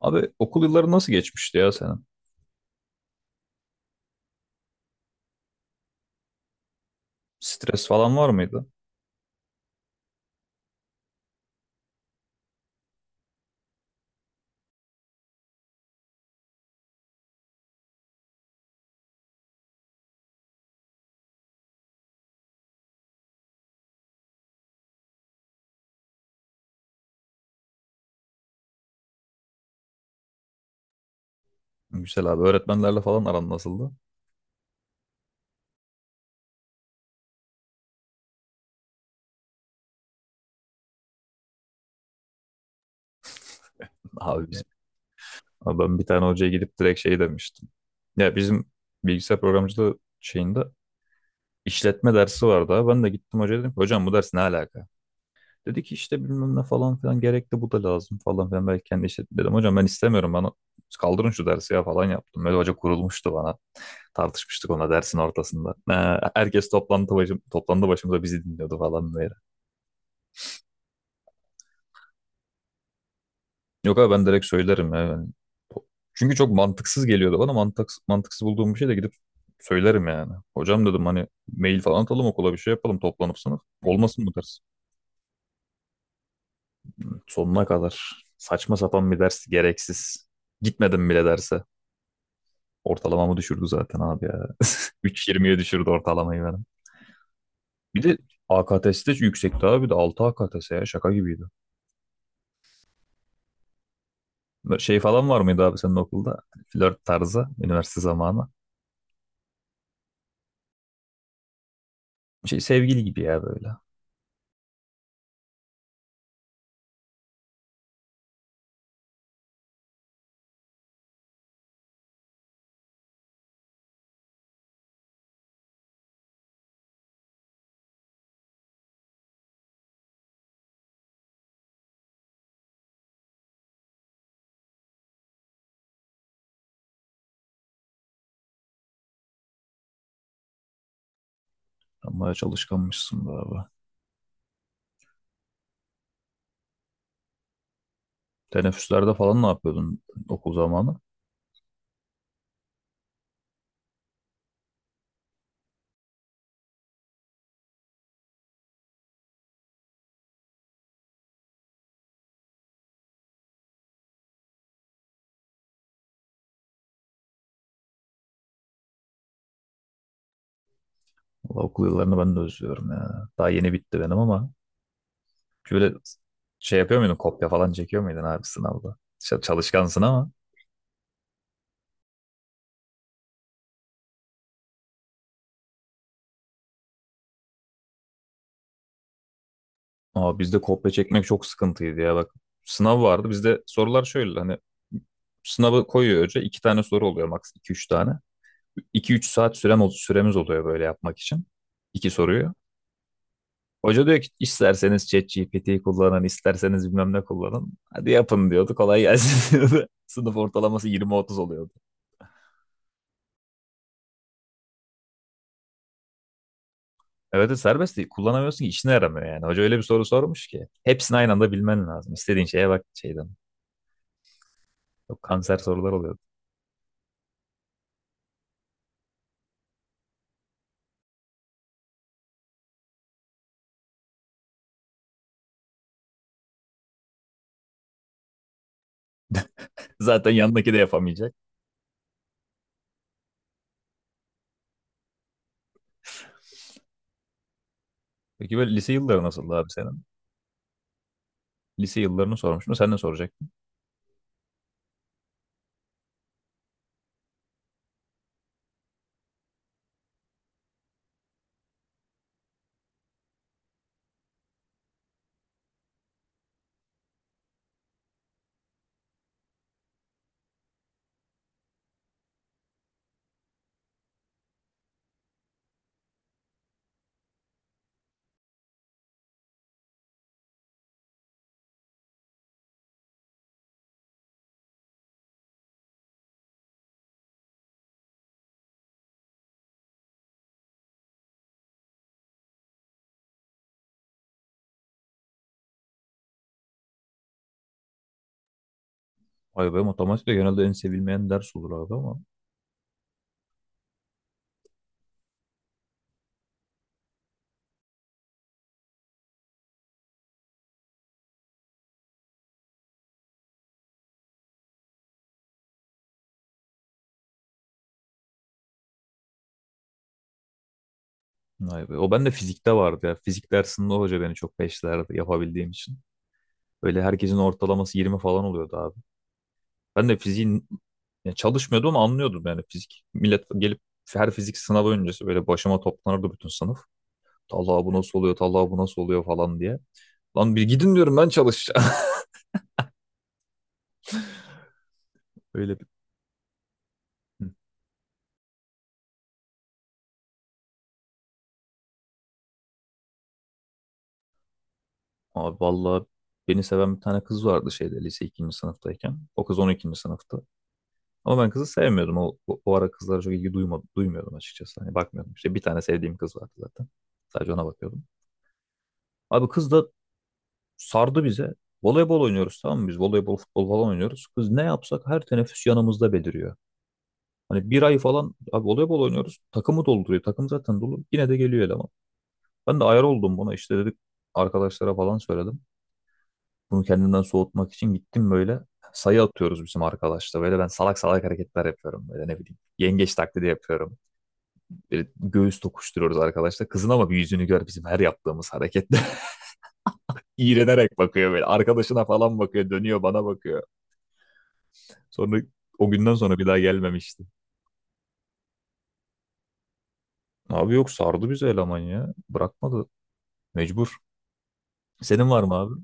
Abi okul yılları nasıl geçmişti ya senin? Stres falan var mıydı? Güzel abi öğretmenlerle falan aran nasıldı? Abi bizim abi ben bir tane hocaya gidip direkt şey demiştim. Ya bizim bilgisayar programcılığı şeyinde işletme dersi vardı abi. Ben de gittim hocaya dedim ki hocam bu ders ne alaka? Dedi ki işte bilmem ne falan filan gerekli bu da lazım falan filan. Belki kendi işletme dedim hocam ben istemiyorum bana kaldırın şu dersi ya falan yaptım. Böyle hoca kurulmuştu bana. Tartışmıştık ona dersin ortasında. Ha, herkes toplantı başımıza bizi dinliyordu falan böyle. Yok abi ben direkt söylerim ya. Çünkü çok mantıksız geliyordu bana. Mantıksız bulduğum bir şey de gidip söylerim yani. Hocam dedim hani mail falan atalım okula bir şey yapalım toplanıp sınıf. Olmasın bu ders. Sonuna kadar saçma sapan bir ders gereksiz. Gitmedim bile derse. Ortalamamı düşürdü zaten abi ya. 3,20'ye düşürdü ortalamayı benim. Bir de AKTS de yüksekti abi de 6 AKTS ya şaka gibiydi. Böyle şey falan var mıydı abi senin okulda? Flört tarzı, üniversite zamanı. Şey sevgili gibi ya böyle. Sen bayağı çalışkanmışsın be abi. Teneffüslerde falan ne yapıyordun okul zamanı? Valla okul yıllarını ben de özlüyorum ya. Daha yeni bitti benim ama şöyle şey yapıyor muydun? Kopya falan çekiyor muydun abi sınavda? Çalışkansın ama. Aa, bizde kopya çekmek çok sıkıntıydı ya bak. Sınav vardı. Bizde sorular şöyle hani sınavı koyuyor hoca. İki tane soru oluyor maks iki üç tane. 2-3 saat süremiz oluyor böyle yapmak için. İki soruyu. Hoca diyor ki isterseniz ChatGPT'yi kullanın, isterseniz bilmem ne kullanın. Hadi yapın diyordu. Kolay gelsin diyordu. Sınıf ortalaması 20-30 oluyordu. Evet de serbest değil. Kullanamıyorsun ki işine yaramıyor yani. Hoca öyle bir soru sormuş ki. Hepsini aynı anda bilmen lazım. İstediğin şeye bak şeyden. Yok kanser sorular oluyordu. Zaten yanındaki de yapamayacak. Peki böyle lise yılları nasıldı abi senin? Lise yıllarını sormuştum. Sen ne soracaktın? Ay be matematik genelde en sevilmeyen ders olur abi ama. Ay be. O bende fizikte vardı ya. Fizik dersinde o hoca beni çok peşlerdi yapabildiğim için. Böyle herkesin ortalaması 20 falan oluyordu abi. Ben de fiziğin ya çalışmıyordum ama anlıyordum yani fizik. Millet gelip her fizik sınavı öncesi böyle başıma toplanırdı bütün sınıf. Talha bu nasıl oluyor, Talha bu nasıl oluyor falan diye. Lan bir gidin diyorum ben çalışacağım. Öyle bir... Hı. Abi vallahi beni seven bir tane kız vardı şeyde lise ikinci sınıftayken. O kız 12. sınıfta. Ama ben kızı sevmiyordum. O ara kızlara çok ilgi duymadım, duymuyordum açıkçası. Hani bakmıyordum. İşte bir tane sevdiğim kız vardı zaten. Sadece ona bakıyordum. Abi kız da sardı bize. Voleybol oynuyoruz tamam mı biz? Voleybol, futbol falan oynuyoruz. Kız ne yapsak her teneffüs yanımızda beliriyor. Hani bir ay falan abi voleybol oynuyoruz. Takımı dolduruyor. Takım zaten dolu. Yine de geliyor eleman. Ben de ayar oldum buna. İşte dedik arkadaşlara falan söyledim. Bunu kendimden soğutmak için gittim böyle. Sayı atıyoruz bizim arkadaşla. Böyle ben salak salak hareketler yapıyorum. Böyle ne bileyim. Yengeç taklidi yapıyorum. Böyle göğüs tokuşturuyoruz arkadaşla. Kızın ama bir yüzünü gör bizim her yaptığımız harekette. İğrenerek bakıyor böyle. Arkadaşına falan bakıyor. Dönüyor bana bakıyor. Sonra o günden sonra bir daha gelmemişti. Abi yok sardı bizi eleman ya. Bırakmadı. Mecbur. Senin var mı abi?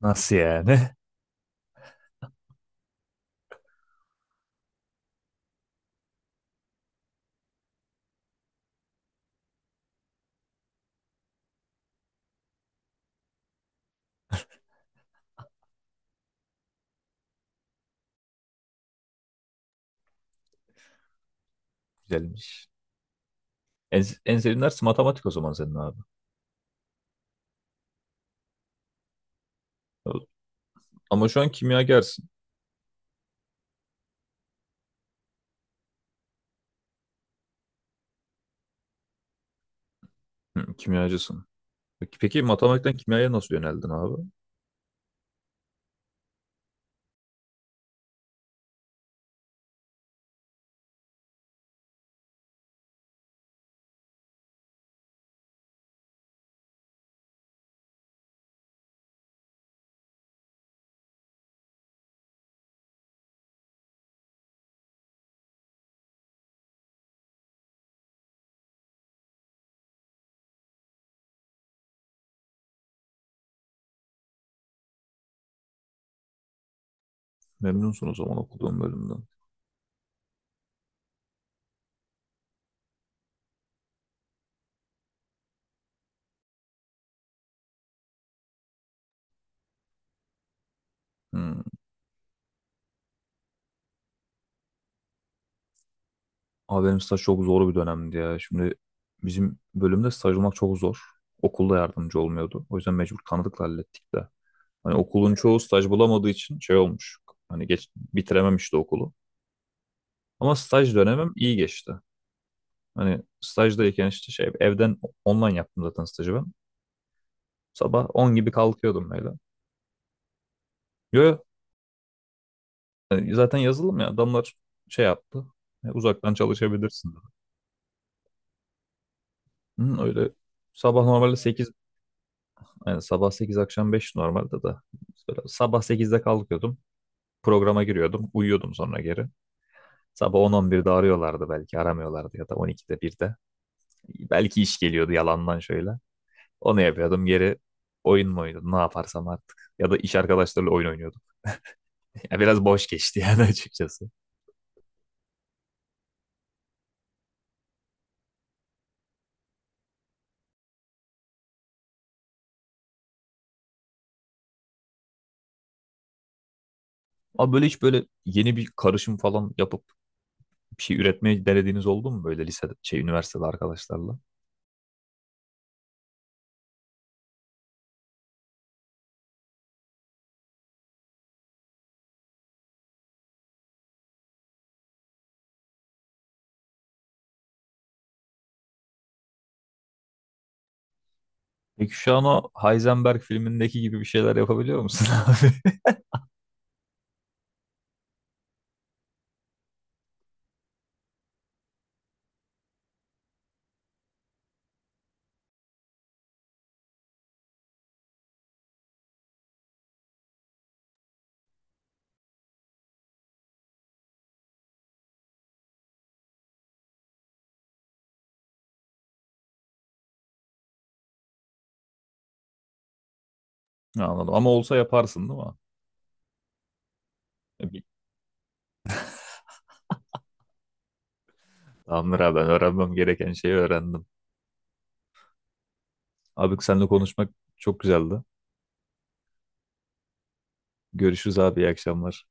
Nasıl yani? Güzelmiş. En sevdiğin ders matematik o zaman senin abi. Ama şu an kimyagersin. Hı, kimyacısın. Peki matematikten kimyaya nasıl yöneldin abi? Memnunsun o zaman okuduğun bölümden. Hı. Abi benim staj çok zor bir dönemdi ya. Şimdi bizim bölümde staj olmak çok zor. Okulda yardımcı olmuyordu. O yüzden mecbur tanıdıkla hallettik de. Hani okulun çoğu staj bulamadığı için şey olmuş. Hani geç bitirememişti okulu. Ama staj dönemim iyi geçti. Hani stajdayken işte şey evden online yaptım zaten stajı ben. Sabah 10 gibi kalkıyordum böyle. Yo, yo, hani zaten yazılım ya adamlar şey yaptı. Uzaktan çalışabilirsin dedi. Hı, öyle sabah normalde 8. Yani sabah 8 akşam 5 normalde de. Böyle sabah sekizde kalkıyordum. Programa giriyordum. Uyuyordum sonra geri. Sabah on on 11'de arıyorlardı belki aramıyorlardı ya da 12'de 1'de. Belki iş geliyordu yalandan şöyle. Onu yapıyordum geri oyun mu oynuyordum ne yaparsam artık. Ya da iş arkadaşlarıyla oyun oynuyordum. Ya biraz boş geçti yani açıkçası. Ama böyle hiç böyle yeni bir karışım falan yapıp bir şey üretmeye denediğiniz oldu mu böyle lisede, şey üniversitede arkadaşlarla? Peki şu an o Heisenberg filmindeki gibi bir şeyler yapabiliyor musun abi? Anladım ama olsa yaparsın değil mi? E, bir- Tamamdır abi ben öğrenmem gereken şeyi öğrendim. Abi seninle konuşmak çok güzeldi. Görüşürüz abi iyi akşamlar.